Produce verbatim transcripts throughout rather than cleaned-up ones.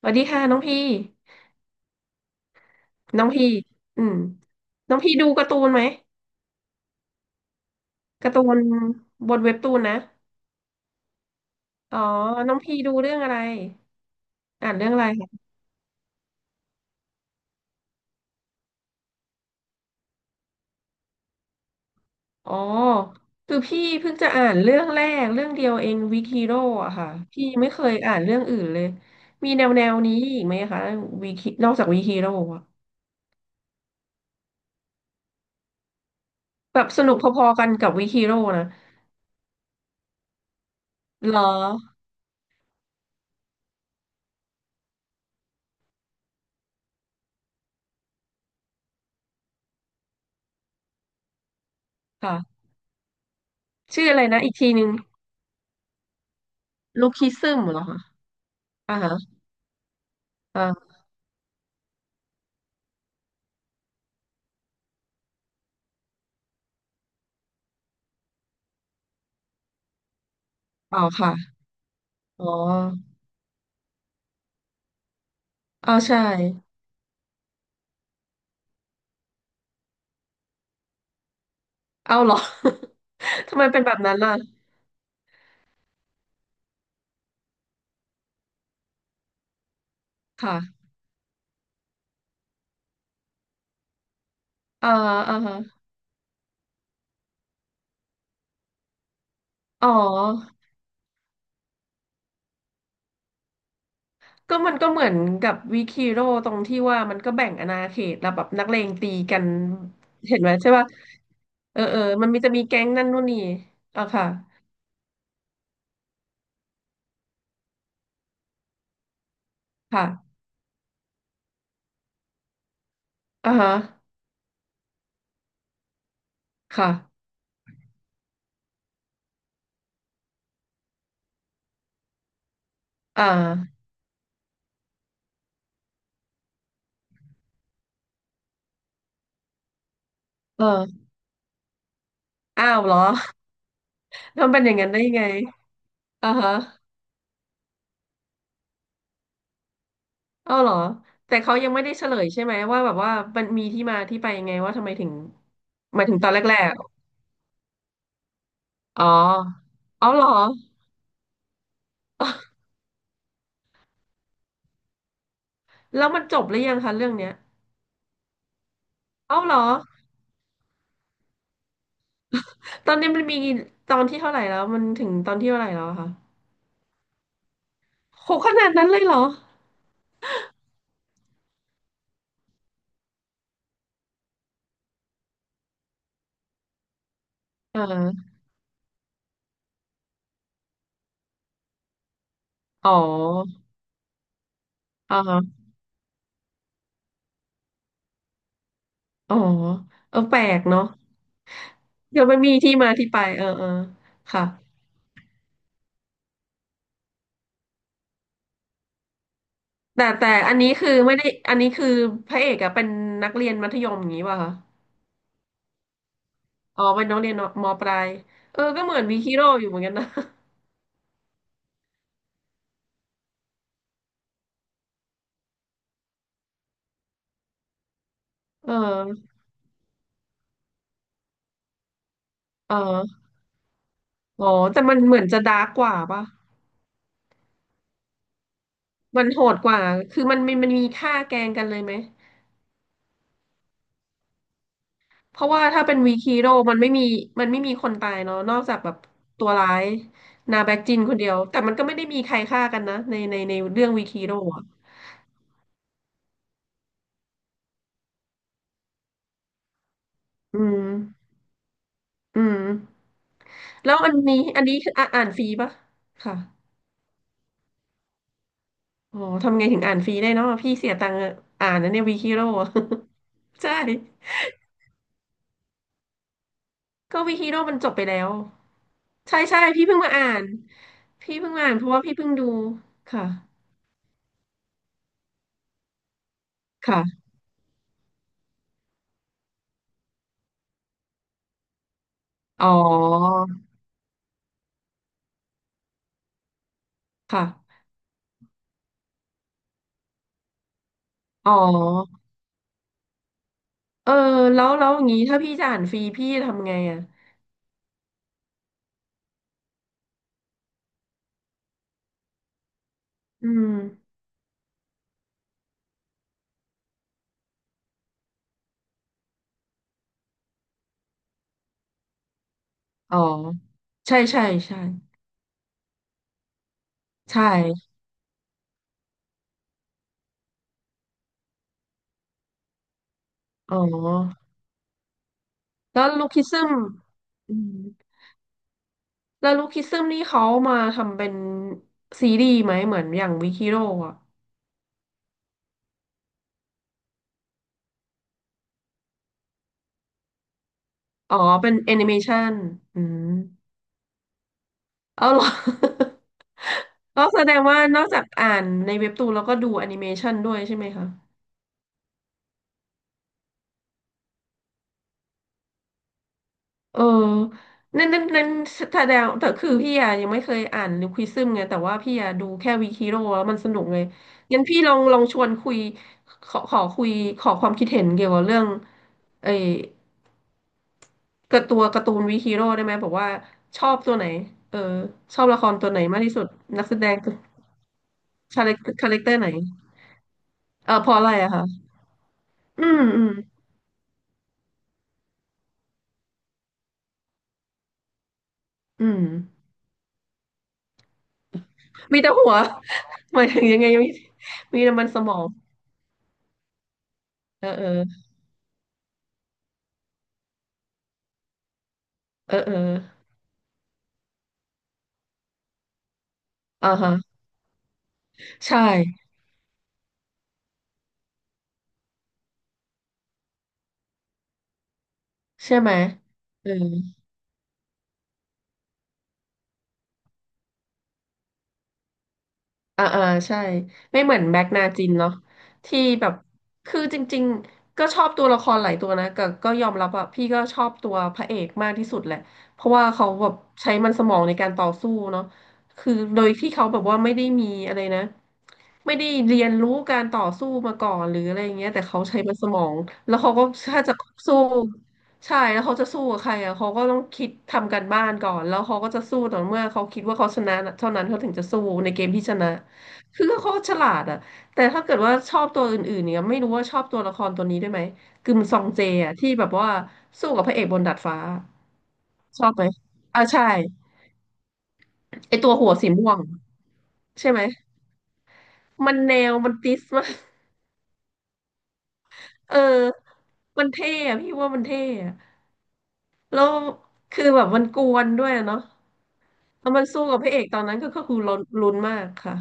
สวัสดีค่ะน้องพี่น้องพี่อืมน้องพี่ดูการ์ตูนไหมการ์ตูนบนเว็บตูนนะอ๋อน้องพี่ดูเรื่องอะไรอ่านเรื่องอะไรคะอ๋อคือพี่เพิ่งจะอ่านเรื่องแรกเรื่องเดียวเองวิกฮีโร่อะค่ะพี่ไม่เคยอ่านเรื่องอื่นเลยมีแนวแนวนี้อีกไหมคะวิกนอกจากวิกฮีโร่อะแบบสนุกพอๆกันกับวิกฮีโร่นะเหรอค่ะชื่ออะไรนะอีกทีนึงลูคิซึมเหรอคะอ่าฮะอ่าอ๋อค่ะอ๋อ เอาใช่เอาเหรอ ทำไมเป็นแบบนั้นล่ะค่ะอ่าอ่าฮะอ๋อก็มันก็เหมือนกับวิคิโร่ตรงที่ว่ามันก็แบ่งอาณาเขตแล้วแบบนักเลงตีกัน เห็นไหมใช่ป่ะเออเออมันมีจะมีแก๊งนั่นนู่นนี่อ่ะค่ะค่ะอ่าฮะค่ะอ่าเอออ้าวเหรอ ทำเป็นอย่างนั้นได้ยังไงอ่าฮะอ้าวเหรอแต่เขายังไม่ได้เฉลยใช่ไหมว่าแบบว่ามันมีที่มาที่ไปยังไงว่าทำไมถึงหมายถึงตอนแรกๆ อ๋ออ๋อเหรอ แล้วมันจบหรือยังคะเรื่องเนี้ยเอาเหรอตอนนี้มันมีตอนที่เท่าไหร่แล้วมันถึงตอนที่เท่าไหร่แล้วอะคะโหขนาดนั้นเลยเหรออ่าอ๋ออ่าฮะอ๋อเออแปลกเนาะเดี๋ยวมันมีที่มาที่ไปเออเออค่ะแต่แต่อันนี้คือไม่ได้อันนี้คือพระเอกอะเป็นนักเรียนมัธยมอย่างนี้ป่ะคะอ๋อเป็นนักเรียนมปลายเออก็เหมือนวีคิโร่อยู่เหมือนกันนะ เออเอออ๋อแต่มันเหมือนจะดาร์กกว่าป่ะ มันโหดกว่า คือมันมันมันมีฆ่าแกล้งกันเลยไหม เพราะว่าถ้าเป็นวีคีโร่มันไม่มี มันไม่มีคนตายเนาะนอกจากแบบตัวร้ายนาแบ็กจินคนเดียว แต่มันก็ไม่ได้มีใครฆ่ากันนะในในในเรื่องวีคีโร่อะอืม อืม แล้วอันนี้อันนี้คืออ่ะอ่านฟรีปะ ค่ะ อ๋อทำไงถึงอ่านฟรีได้เนาะพี่เสียตังค์อ่านนะเนี่ยวีคีโร่ ใช่ก็วีคีโร่มันจบไปแล้วใช่ใช่พี่เพิ่งมาอ่านพี่เพิ่งมาอ่านเพราะว่าพี่เพิ่งดูค่ะค่ะ อ๋อค่ะอ๋อเออแล้วแล้วอย่างนี้ถ้าพี่จะอ่านฟรีพี่ทำไงอ่ะอืมอ๋อใช่ใช่ใช่ใช่อ๋อแล้วลูคิซึมอืมแล้วลูคิซึมนี่เขามาทำเป็นซีรีส์ไหมเหมือนอย่างวิคิโร่อะอ๋อเป็นแอนิเมชันอืมเอาเหรอ ก็แสดงว่านอกจากอ่านในเว็บตูนแล้วก็ดูแอนิเมชันด้วยใช่ไหมคะ เออ นั่นนั่นนั่นแสดงแต่คือพี่อะยังไม่เคยอ่านนิวควิซึมไงแต่ว่าพี่อะดูแค่วิคิโร่แล้วมันสนุกไงงั้นพี่ลองลองชวนคุยขอขอคุยขอความคิดเห็นเกี่ยวกับเรื่องไอ้กระตัวการ์ตูนวิคิโร่ได้ไหมบอกว่าชอบตัวไหนเออชอบละครตัวไหนมากที่สุดนักแสดงตัวคาแรคคาแรคเตอร์ไหนเออเพราะอะไรอะคะอืมอืมอืมมีแต่หัว หมายถึงยังไงมีมีแต่มันสมองเออเออเออเอออ่าฮะ ใช่ใช่ไหมเออ อ่าอ่าใช่ไม่เหมือนแม็กนาจินเนาะที่แบบคือจริงๆก็ชอบตัวละครหลายตัวนะก็ก็ยอมรับว่าพี่ก็ชอบตัวพระเอกมากที่สุดแหละเพราะว่าเขาแบบใช้มันสมองในการต่อสู้เนาะคือโดยที่เขาแบบว่าไม่ได้มีอะไรนะไม่ได้เรียนรู้การต่อสู้มาก่อนหรืออะไรอย่างเงี้ยแต่เขาใช้มันสมองแล้วเขาก็ถ้าจะสู้ใช่แล้วเขาจะสู้กับใครอ่ะเขาก็ต้องคิดทำการบ้านก่อนแล้วเขาก็จะสู้ต่อเมื่อเขาคิดว่าเขาชนะเท่านั้นเขาถึงจะสู้ในเกมที่ชนะ คือเขาฉลาดอะแต่ถ้าเกิดว่าชอบตัวอื่นๆเนี่ยไม่รู้ว่าชอบตัวละครตัวนี้ด้วยไหมกึมซองเจอะที่แบบว่าสู้กับพระเอกบนดาดฟ้าชอบไหมอ่าใช่ไอตัวหัวสีม่วงใช่ไหมมันแนวมันติสมาก เออมันเท่อะพี่ว่ามันเท่อะแล้วคือแบบมันกวนด้วยอะเนาะแล้วมันสู้กับพระเอกตอนนั้นก็ก็คือลุ้นลุ้นมากค่ะ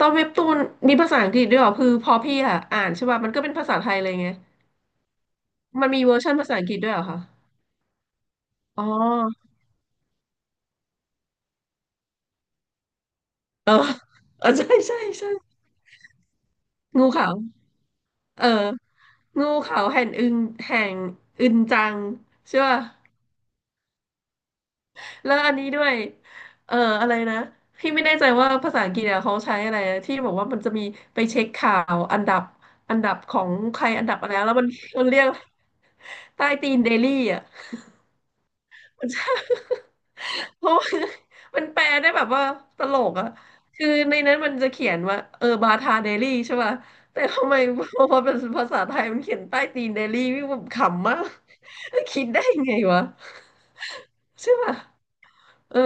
ตอนเว็บตูนมีภาษาอังกฤษด้วยเหรอคือพอพี่อะอ่านใช่ป่ะมันก็เป็นภาษาไทยเลยไงมันมีเวอร์ชันภาษาอังกฤษด้วยเหรอคะ อ๋อเออ เออ ใช่ใช่ใช่งูขาว เออ งูขาวแห่งอึงแห่งอึนจังใช่ป่ะแล้วอันนี้ด้วย เอออะไรนะ พี่ไม่แน่ใจว่าภาษาอังกฤษเนี่ยเขาใช้อะไรนะที่บอกว่ามันจะมีไปเช็คข่าวอันดับอันดับของใครอันดับอะไร แล้วมัน มันเรียกใต้ตีนเดลี่อ่ะ ใช่เพราะว่า มันแปลได้แบบว่าตลกอะคือในนั้นมันจะเขียนว่าเออบาทาเดลี่ใช่ป่ะแต่ทำไมพอมาเป็นภาษาไทยมันเขียนใต้ตีนเดลี่พี่แบบขำมาก คิดได้ยังไงวะใช่ป่ะเออ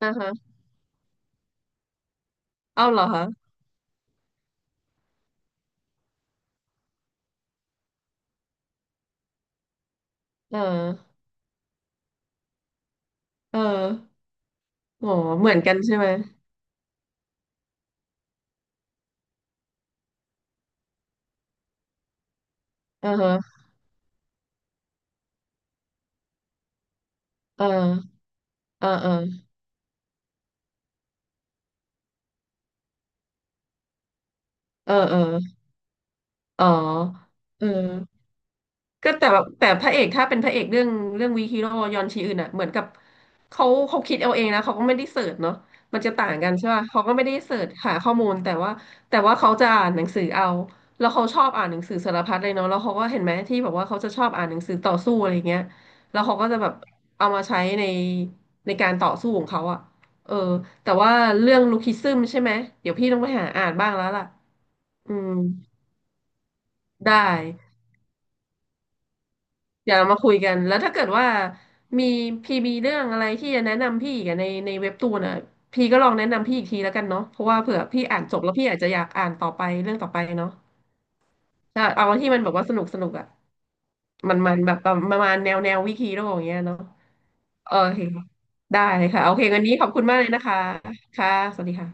อ่าฮะเอาเหรอฮะเออเอออ๋อเหมือนกันใช่ไหมเอ่ฮะเออเออเออเออเอออ๋อเออ ก็แต่แบบแต่พระเอกถ้าเป็นพระเอกเรื่องเรื่องวีฮีโร่ยอนชีอึนอ่ะเหมือนกับเขาเขาคิดเอาเองนะเขาก็ไม่ได้เสิร์ชเนาะมันจะต่างกันใช่ป่ะเขาก็ไม่ได้เสิร์ชหาข้อมูลแต่ว่าแต่ว่าเขาจะอ่านหนังสือเอาแล้วเขาชอบอ่านหนังสือสารพัดเลยเนาะแล้วเขาก็เห็นไหมที่แบบว่าเขาจะชอบอ่านหนังสือต่อสู้อะไรเงี้ยแล้วเขาก็จะแบบเอามาใช้ในในการต่อสู้ของเขาอ่ะเออแต่ว่าเรื่องลูคิซึมใช่ไหมเดี๋ยวพี่ต้องไปหาอ่านบ้างแล้วล่ะอืมได้ เดี๋ยวเรามาคุยกันแล้วถ้าเกิดว่ามีพี่มีเรื่องอะไรที่จะแนะนำพี่อีกันในในเว็บตูนอ่ะพี่ก็ลองแนะนำพี่อีกทีแล้วกันเนาะเพราะว่าเผื่อพี่อ่านจบแล้วพี่อาจจะอยากอ่านต่อไปเรื่องต่อไปเนาะถ้าเอาที่มันแบบว่าสนุกสนุกอ่ะมันมันแบบประมาณแนวแนววิคิโร่อย่างเงี้ยเนาะโอเคได้ค่ะโอเควันนี้ขอบคุณมากเลยนะคะค่ะสวัสดีค่ะ